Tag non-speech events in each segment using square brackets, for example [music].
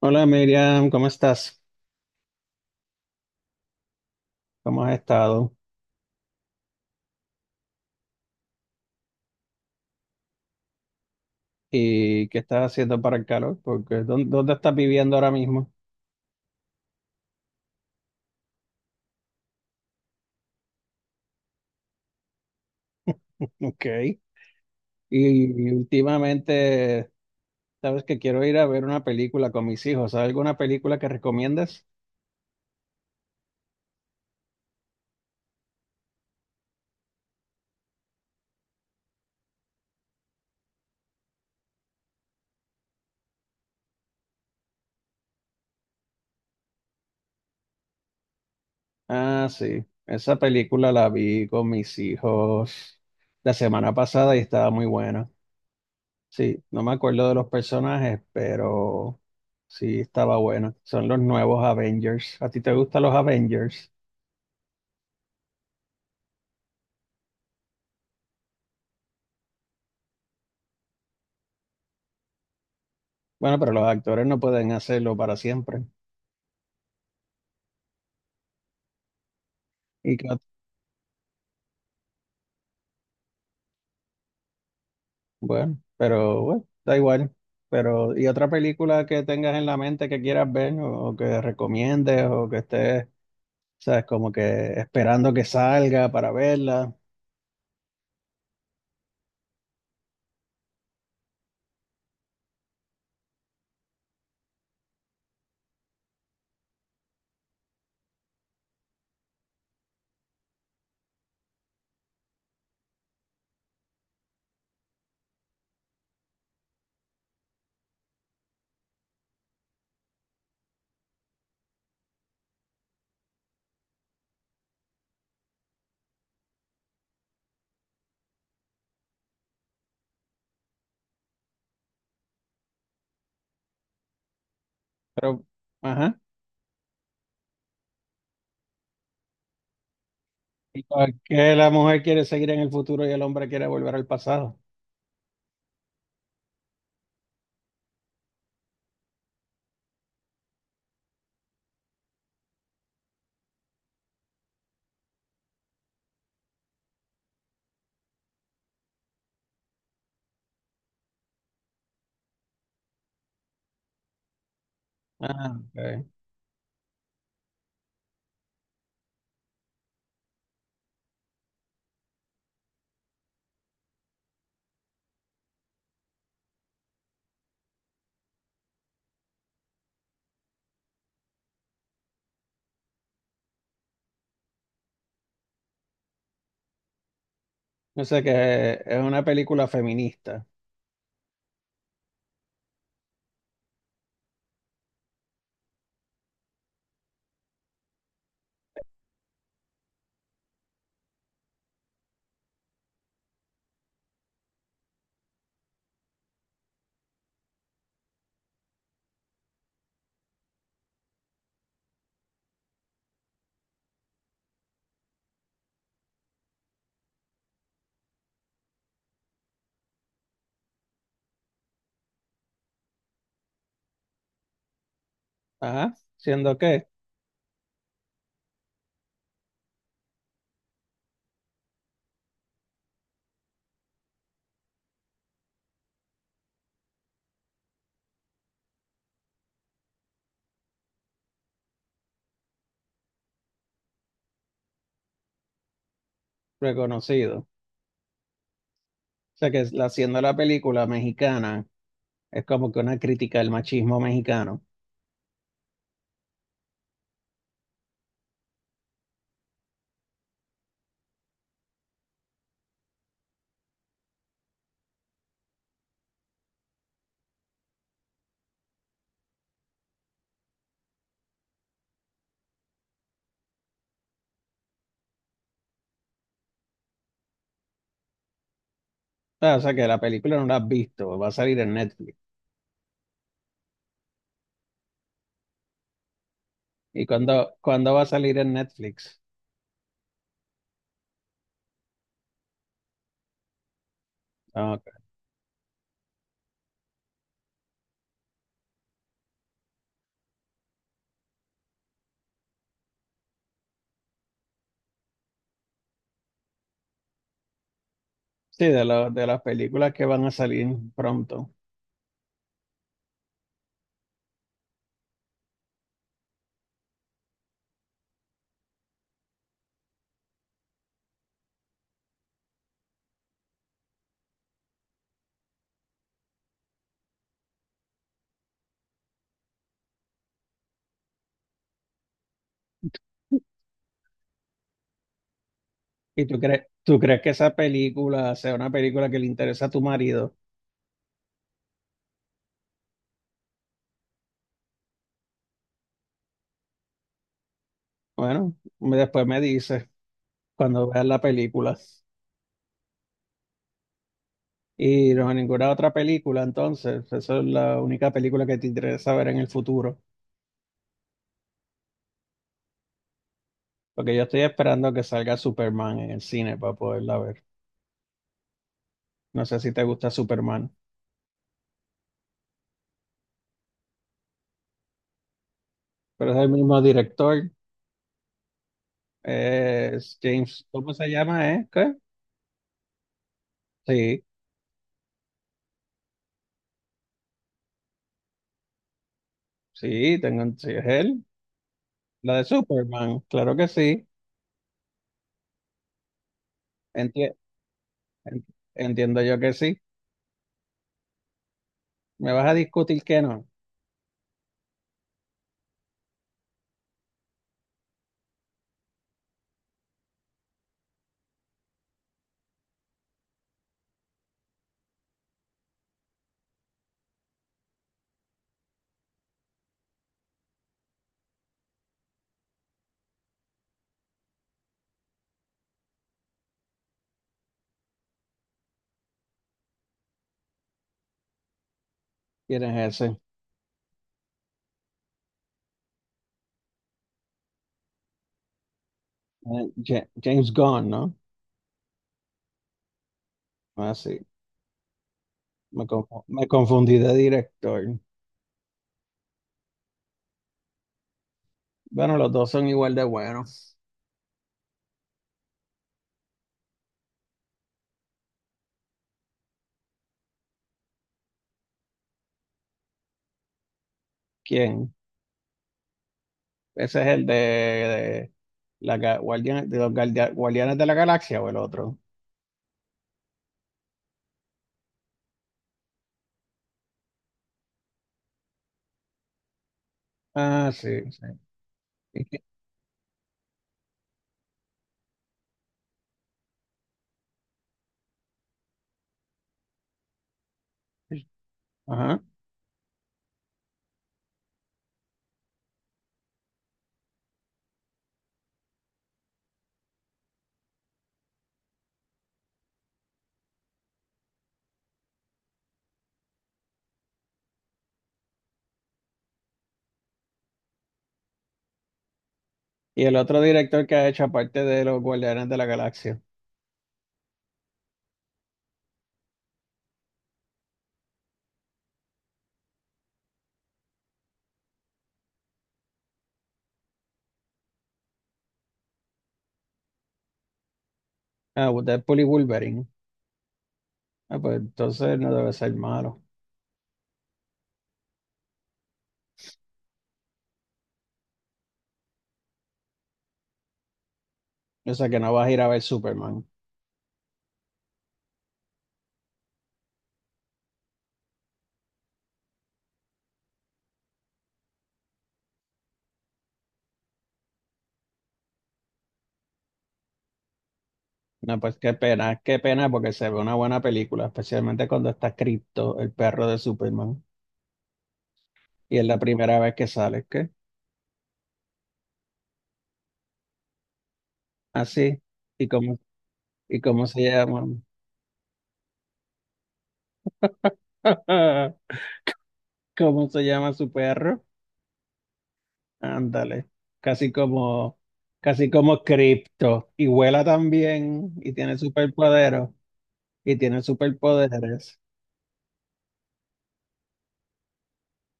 Hola Miriam, ¿cómo estás? ¿Cómo has estado? ¿Y qué estás haciendo para el calor? Porque ¿dónde estás viviendo ahora mismo? Ok. Y últimamente, sabes que quiero ir a ver una película con mis hijos. ¿Hay alguna película que recomiendas? Ah, sí. Esa película la vi con mis hijos la semana pasada y estaba muy buena. Sí, no me acuerdo de los personajes, pero sí estaba buena. Son los nuevos Avengers. ¿A ti te gustan los Avengers? Bueno, pero los actores no pueden hacerlo para siempre. Y que- bueno, pero bueno, da igual. Pero, ¿y otra película que tengas en la mente que quieras ver o que recomiendes o que estés, sabes, como que esperando que salga para verla? Pero, ajá. ¿Y por qué la mujer quiere seguir en el futuro y el hombre quiere volver al pasado? Ah, ok. No sé que es una película feminista. Ajá. Siendo que reconocido. O sea que siendo la película mexicana. Es como que una crítica del machismo mexicano. Ah, o sea que la película no la has visto, va a salir en Netflix. ¿Y cuándo va a salir en Netflix? Ah, ok. Sí, de las películas que van a salir pronto. ¿Y tú crees que esa película sea una película que le interesa a tu marido? Bueno, después me dices cuando veas la película. Y no, ninguna otra película, entonces, esa es la única película que te interesa ver en el futuro. Porque yo estoy esperando que salga Superman en el cine para poderla ver. No sé si te gusta Superman, pero es el mismo director. Es James, ¿cómo se llama, ¿Qué? Sí, sí, sí, es él. La de Superman, claro que sí. Enti- en- Entiendo yo que sí. ¿Me vas a discutir que no? ¿Quién es ese? James Gunn, ¿no? Ah, sí. Me confundí de director. Bueno, los dos son igual de buenos. ¿Quién? Ese es el de, la, ga- Guardian- de los Guardia- Guardianes de la Galaxia o el otro. Ah, sí, sí. Ajá. Y el otro director que ha hecho, aparte de los Guardianes de la Galaxia, ah, Deadpool y Wolverine. Ah, pues entonces no debe ser malo. O sea que no vas a ir a ver Superman. No, pues qué pena, porque se ve una buena película, especialmente cuando está Crypto, el perro de Superman. Y es la primera vez que sale, ¿qué? Así. ¿Y y cómo se llama? [laughs] ¿Cómo se llama su perro? Ándale, casi como, casi como Crypto. Y vuela también y tiene superpoderes. Y tiene superpoderes.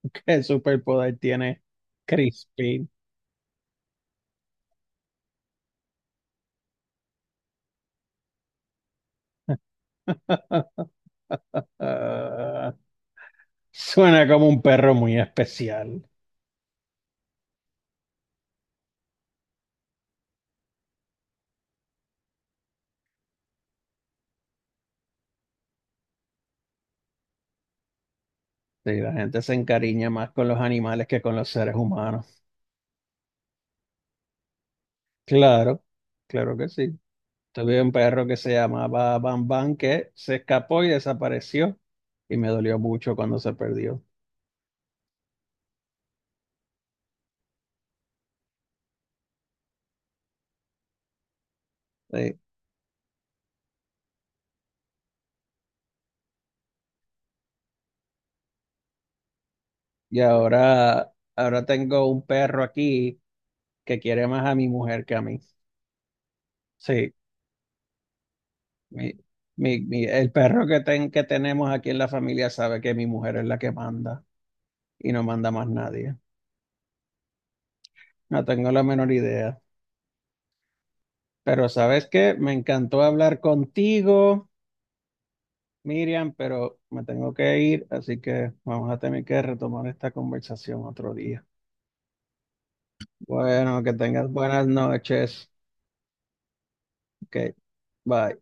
[laughs] ¿Qué superpoder tiene Crispin? [laughs] Ah, suena como un perro muy especial. Sí, la gente se encariña más con los animales que con los seres humanos. Claro, claro que sí. Tuve un perro que se llamaba Bam Bam que se escapó y desapareció. Y me dolió mucho cuando se perdió. Sí, y ahora, ahora tengo un perro aquí que quiere más a mi mujer que a mí. Sí, mi, el perro que, ten, que tenemos aquí en la familia sabe que mi mujer es la que manda y no manda más nadie. No tengo la menor idea. Pero ¿sabes qué? Me encantó hablar contigo, Miriam, pero me tengo que ir, así que vamos a tener que retomar esta conversación otro día. Bueno, que tengas buenas noches. Ok, bye.